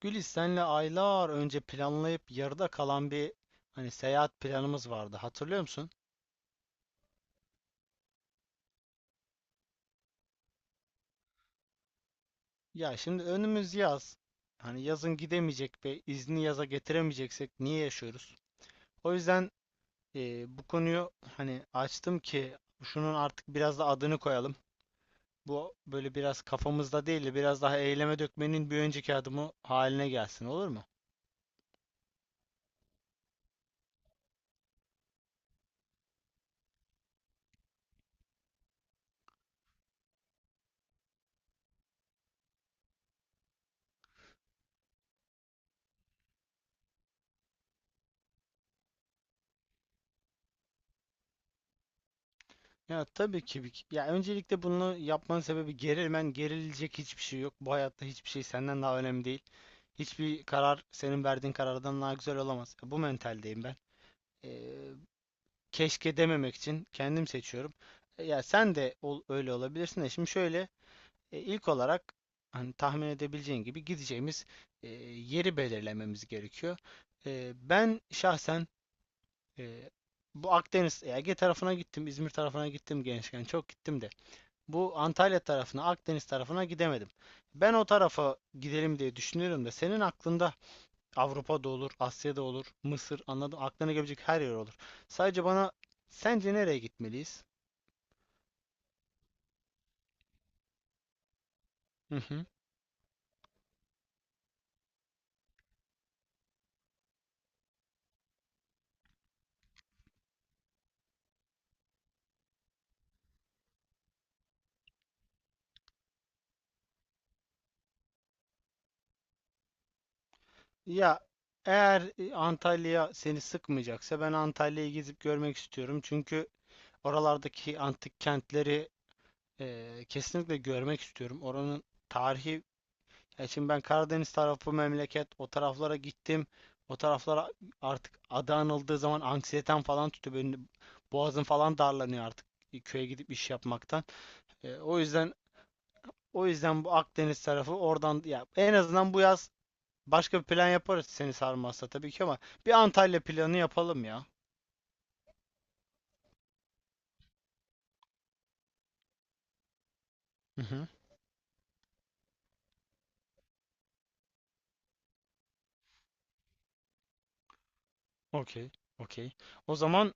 Güliz senle aylar önce planlayıp yarıda kalan bir hani seyahat planımız vardı. Hatırlıyor musun? Ya şimdi önümüz yaz. Hani yazın gidemeyecek ve izni yaza getiremeyeceksek niye yaşıyoruz? O yüzden bu konuyu hani açtım ki şunun artık biraz da adını koyalım. Bu böyle biraz kafamızda değil de biraz daha eyleme dökmenin bir önceki adımı haline gelsin, olur mu? Ya tabii ki. Ya öncelikle bunu yapmanın sebebi gerilmen, gerilecek hiçbir şey yok. Bu hayatta hiçbir şey senden daha önemli değil. Hiçbir karar senin verdiğin karardan daha güzel olamaz. Bu mentaldeyim ben. Ee, Keşke dememek için kendim seçiyorum. Ya sen de ol, öyle olabilirsin de. Şimdi şöyle, ilk olarak hani tahmin edebileceğin gibi gideceğimiz yeri belirlememiz gerekiyor. Ben şahsen e, bu Akdeniz, Ege tarafına gittim, İzmir tarafına gittim, gençken çok gittim de. Bu Antalya tarafına, Akdeniz tarafına gidemedim. Ben o tarafa gidelim diye düşünüyorum da senin aklında Avrupa'da olur, Asya'da olur, Mısır, anladım. Aklına gelebilecek her yer olur. Sadece bana sence nereye gitmeliyiz? Hı hı. Ya eğer Antalya seni sıkmayacaksa, ben Antalya'yı gezip görmek istiyorum. Çünkü oralardaki antik kentleri kesinlikle görmek istiyorum. Oranın tarihi. Şimdi ben Karadeniz tarafı memleket, o taraflara gittim. O taraflara artık adı anıldığı zaman anksiyetem falan tutuyor. Benim boğazım falan darlanıyor artık, köye gidip iş yapmaktan. E, o yüzden o yüzden bu Akdeniz tarafı, oradan ya, en azından bu yaz başka bir plan yaparız seni sarmazsa tabii ki ama bir Antalya planı yapalım ya. Hı hı. Okey, okey. O zaman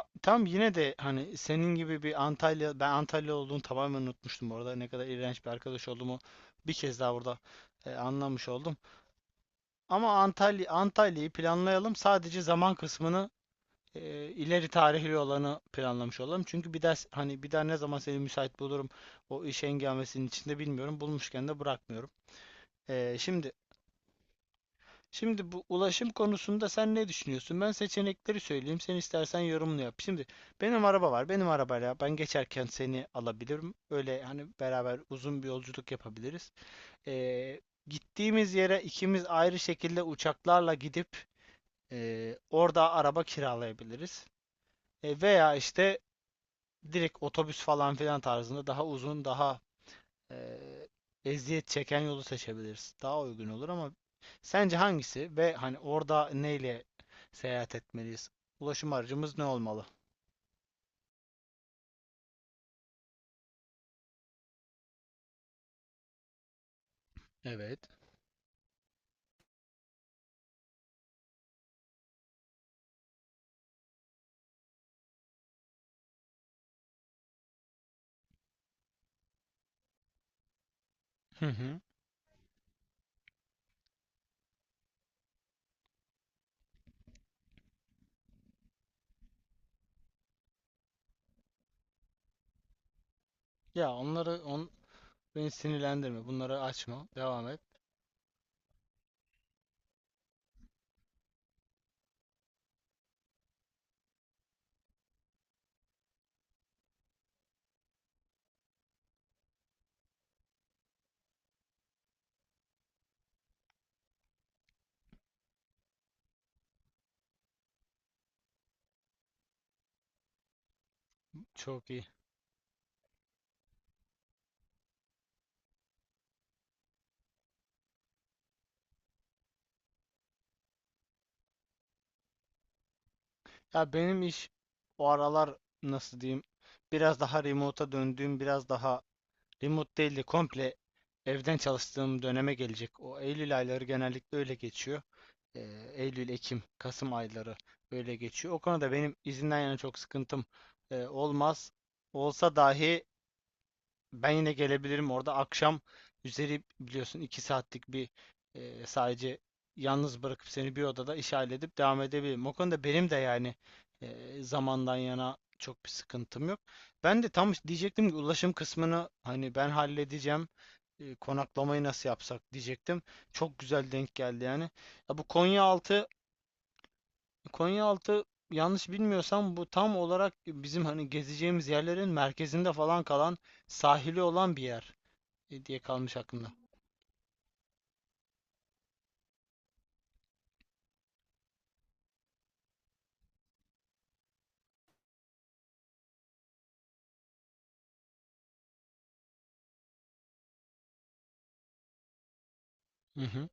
tam, yine de hani senin gibi bir Antalya, ben Antalya olduğunu tamamen unutmuştum orada. Ne kadar iğrenç bir arkadaş olduğumu bir kez daha burada anlamış oldum. Ama Antalya'yı planlayalım. Sadece zaman kısmını, e, ileri tarihli olanı planlamış olalım. Çünkü bir ders hani, bir daha ne zaman seni müsait bulurum o iş hengamesinin içinde bilmiyorum. Bulmuşken de bırakmıyorum. E, şimdi Şimdi bu ulaşım konusunda sen ne düşünüyorsun? Ben seçenekleri söyleyeyim, sen istersen yorumunu yap. Şimdi benim araba var. Benim arabayla ben geçerken seni alabilirim. Öyle hani beraber uzun bir yolculuk yapabiliriz. Ee, Gittiğimiz yere ikimiz ayrı şekilde uçaklarla gidip orada araba kiralayabiliriz. Veya işte direkt otobüs falan filan tarzında daha uzun, daha eee, eziyet çeken yolu seçebiliriz. Daha uygun olur ama sence hangisi, ve hani orada neyle seyahat etmeliyiz? Ulaşım aracımız ne olmalı? Evet. Hı hı. Ya onları beni sinirlendirme. Bunları açma, devam et. Çok iyi. Ya benim iş o aralar, nasıl diyeyim, biraz daha remote'a döndüğüm, biraz daha, remote değil de komple evden çalıştığım döneme gelecek. O Eylül ayları genellikle öyle geçiyor. Eylül, Ekim, Kasım ayları öyle geçiyor. O konuda benim izinden yana çok sıkıntım olmaz. Olsa dahi ben yine gelebilirim orada. Akşam üzeri biliyorsun, iki saatlik bir sadece yalnız bırakıp seni bir odada iş halledip devam edebilirim. O konuda benim de yani zamandan yana çok bir sıkıntım yok. Ben de tam diyecektim ki ulaşım kısmını hani ben halledeceğim. Konaklamayı nasıl yapsak diyecektim. Çok güzel denk geldi yani. Ya bu Konyaaltı, yanlış bilmiyorsam, bu tam olarak bizim hani gezeceğimiz yerlerin merkezinde falan kalan, sahili olan bir yer diye kalmış aklımda. Hı hı.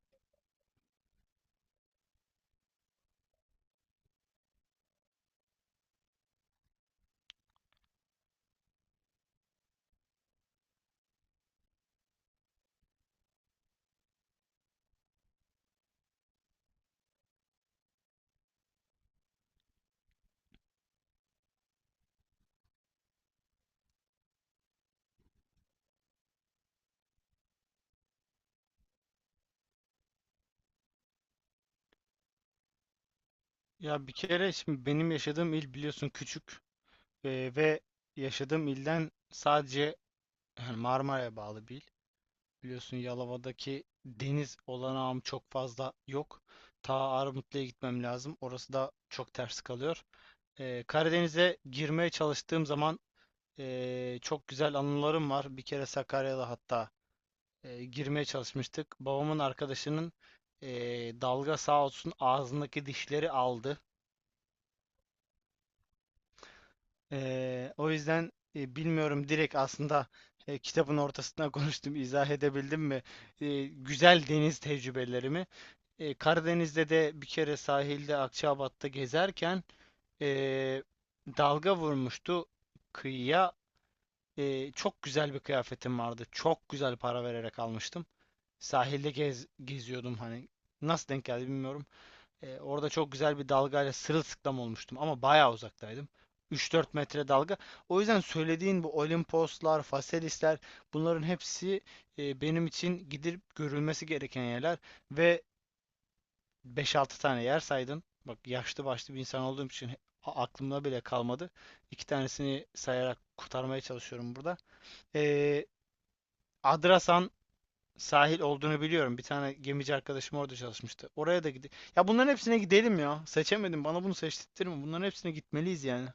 Ya bir kere şimdi benim yaşadığım il, biliyorsun, küçük ve yaşadığım ilden sadece yani Marmara'ya bağlı bir il. Biliyorsun Yalova'daki deniz olanağım çok fazla yok. Ta Armutlu'ya gitmem lazım, orası da çok ters kalıyor. Karadeniz'e girmeye çalıştığım zaman çok güzel anılarım var. Bir kere Sakarya'da hatta girmeye çalışmıştık. Babamın arkadaşının e, dalga sağ olsun ağzındaki dişleri aldı. O yüzden bilmiyorum, direkt aslında kitabın ortasına konuştum, izah edebildim mi? Güzel deniz tecrübelerimi. Karadeniz'de de bir kere sahilde Akçaabat'ta gezerken e, dalga vurmuştu kıyıya. Çok güzel bir kıyafetim vardı, çok güzel para vererek almıştım. Sahilde geziyordum hani. Nasıl denk geldi bilmiyorum. Orada çok güzel bir dalgayla sırılsıklam olmuştum ama bayağı uzaktaydım. 3-4 metre dalga. O yüzden söylediğin bu Olimposlar, Faselisler, bunların hepsi benim için gidip görülmesi gereken yerler. Ve 5-6 tane yer saydın. Bak yaşlı başlı bir insan olduğum için aklımda bile kalmadı. İki tanesini sayarak kurtarmaya çalışıyorum burada. E, Adrasan sahil olduğunu biliyorum. Bir tane gemici arkadaşım orada çalışmıştı. Oraya da gide. Ya bunların hepsine gidelim ya. Seçemedim, bana bunu seçtirtme. Bunların hepsine gitmeliyiz yani.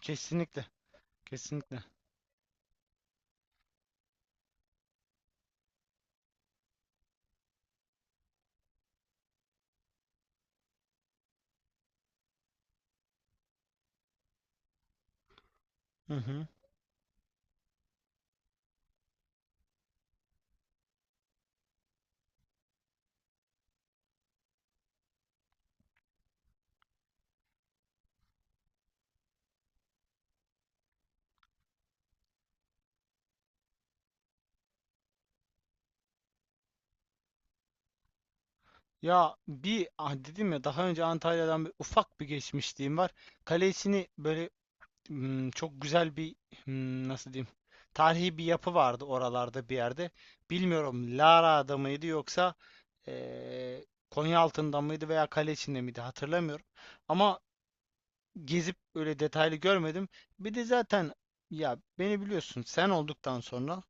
Kesinlikle. Kesinlikle. Hı hı. Ya bir ah dedim ya, daha önce Antalya'dan ufak bir geçmişliğim var. Kalesini böyle, çok güzel bir, nasıl diyeyim, tarihi bir yapı vardı oralarda bir yerde. Bilmiyorum Lara'da mıydı, yoksa eee Konyaaltı'nda mıydı veya kale içinde miydi, hatırlamıyorum. Ama gezip öyle detaylı görmedim. Bir de zaten ya, beni biliyorsun, sen olduktan sonra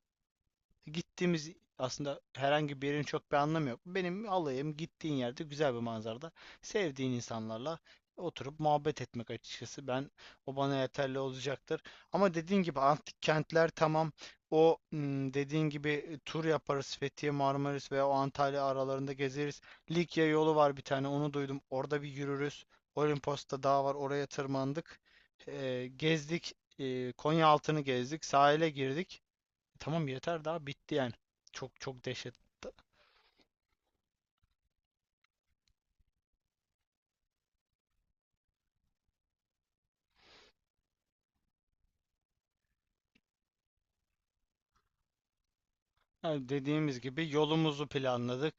gittiğimiz aslında herhangi bir yerin çok bir anlamı yok. Benim alayım gittiğin yerde güzel bir manzarada sevdiğin insanlarla oturup muhabbet etmek, açıkçası. Ben, o bana yeterli olacaktır. Ama dediğin gibi antik kentler tamam. O dediğin gibi tur yaparız, Fethiye, Marmaris veya o Antalya aralarında gezeriz. Likya yolu var bir tane, onu duydum. Orada bir yürürüz. Olimpos'ta dağ var, oraya tırmandık. Gezdik. Konya altını gezdik, sahile girdik. Tamam, yeter, daha bitti yani. Çok çok dehşet. Ha, dediğimiz gibi yolumuzu planladık.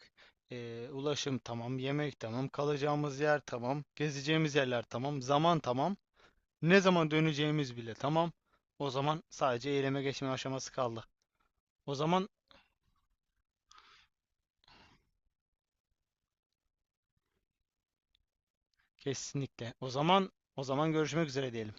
Ulaşım tamam, yemek tamam, kalacağımız yer tamam, gezeceğimiz yerler tamam, zaman tamam, ne zaman döneceğimiz bile tamam. O zaman sadece eyleme geçme aşaması kaldı. O zaman kesinlikle. O zaman, görüşmek üzere diyelim.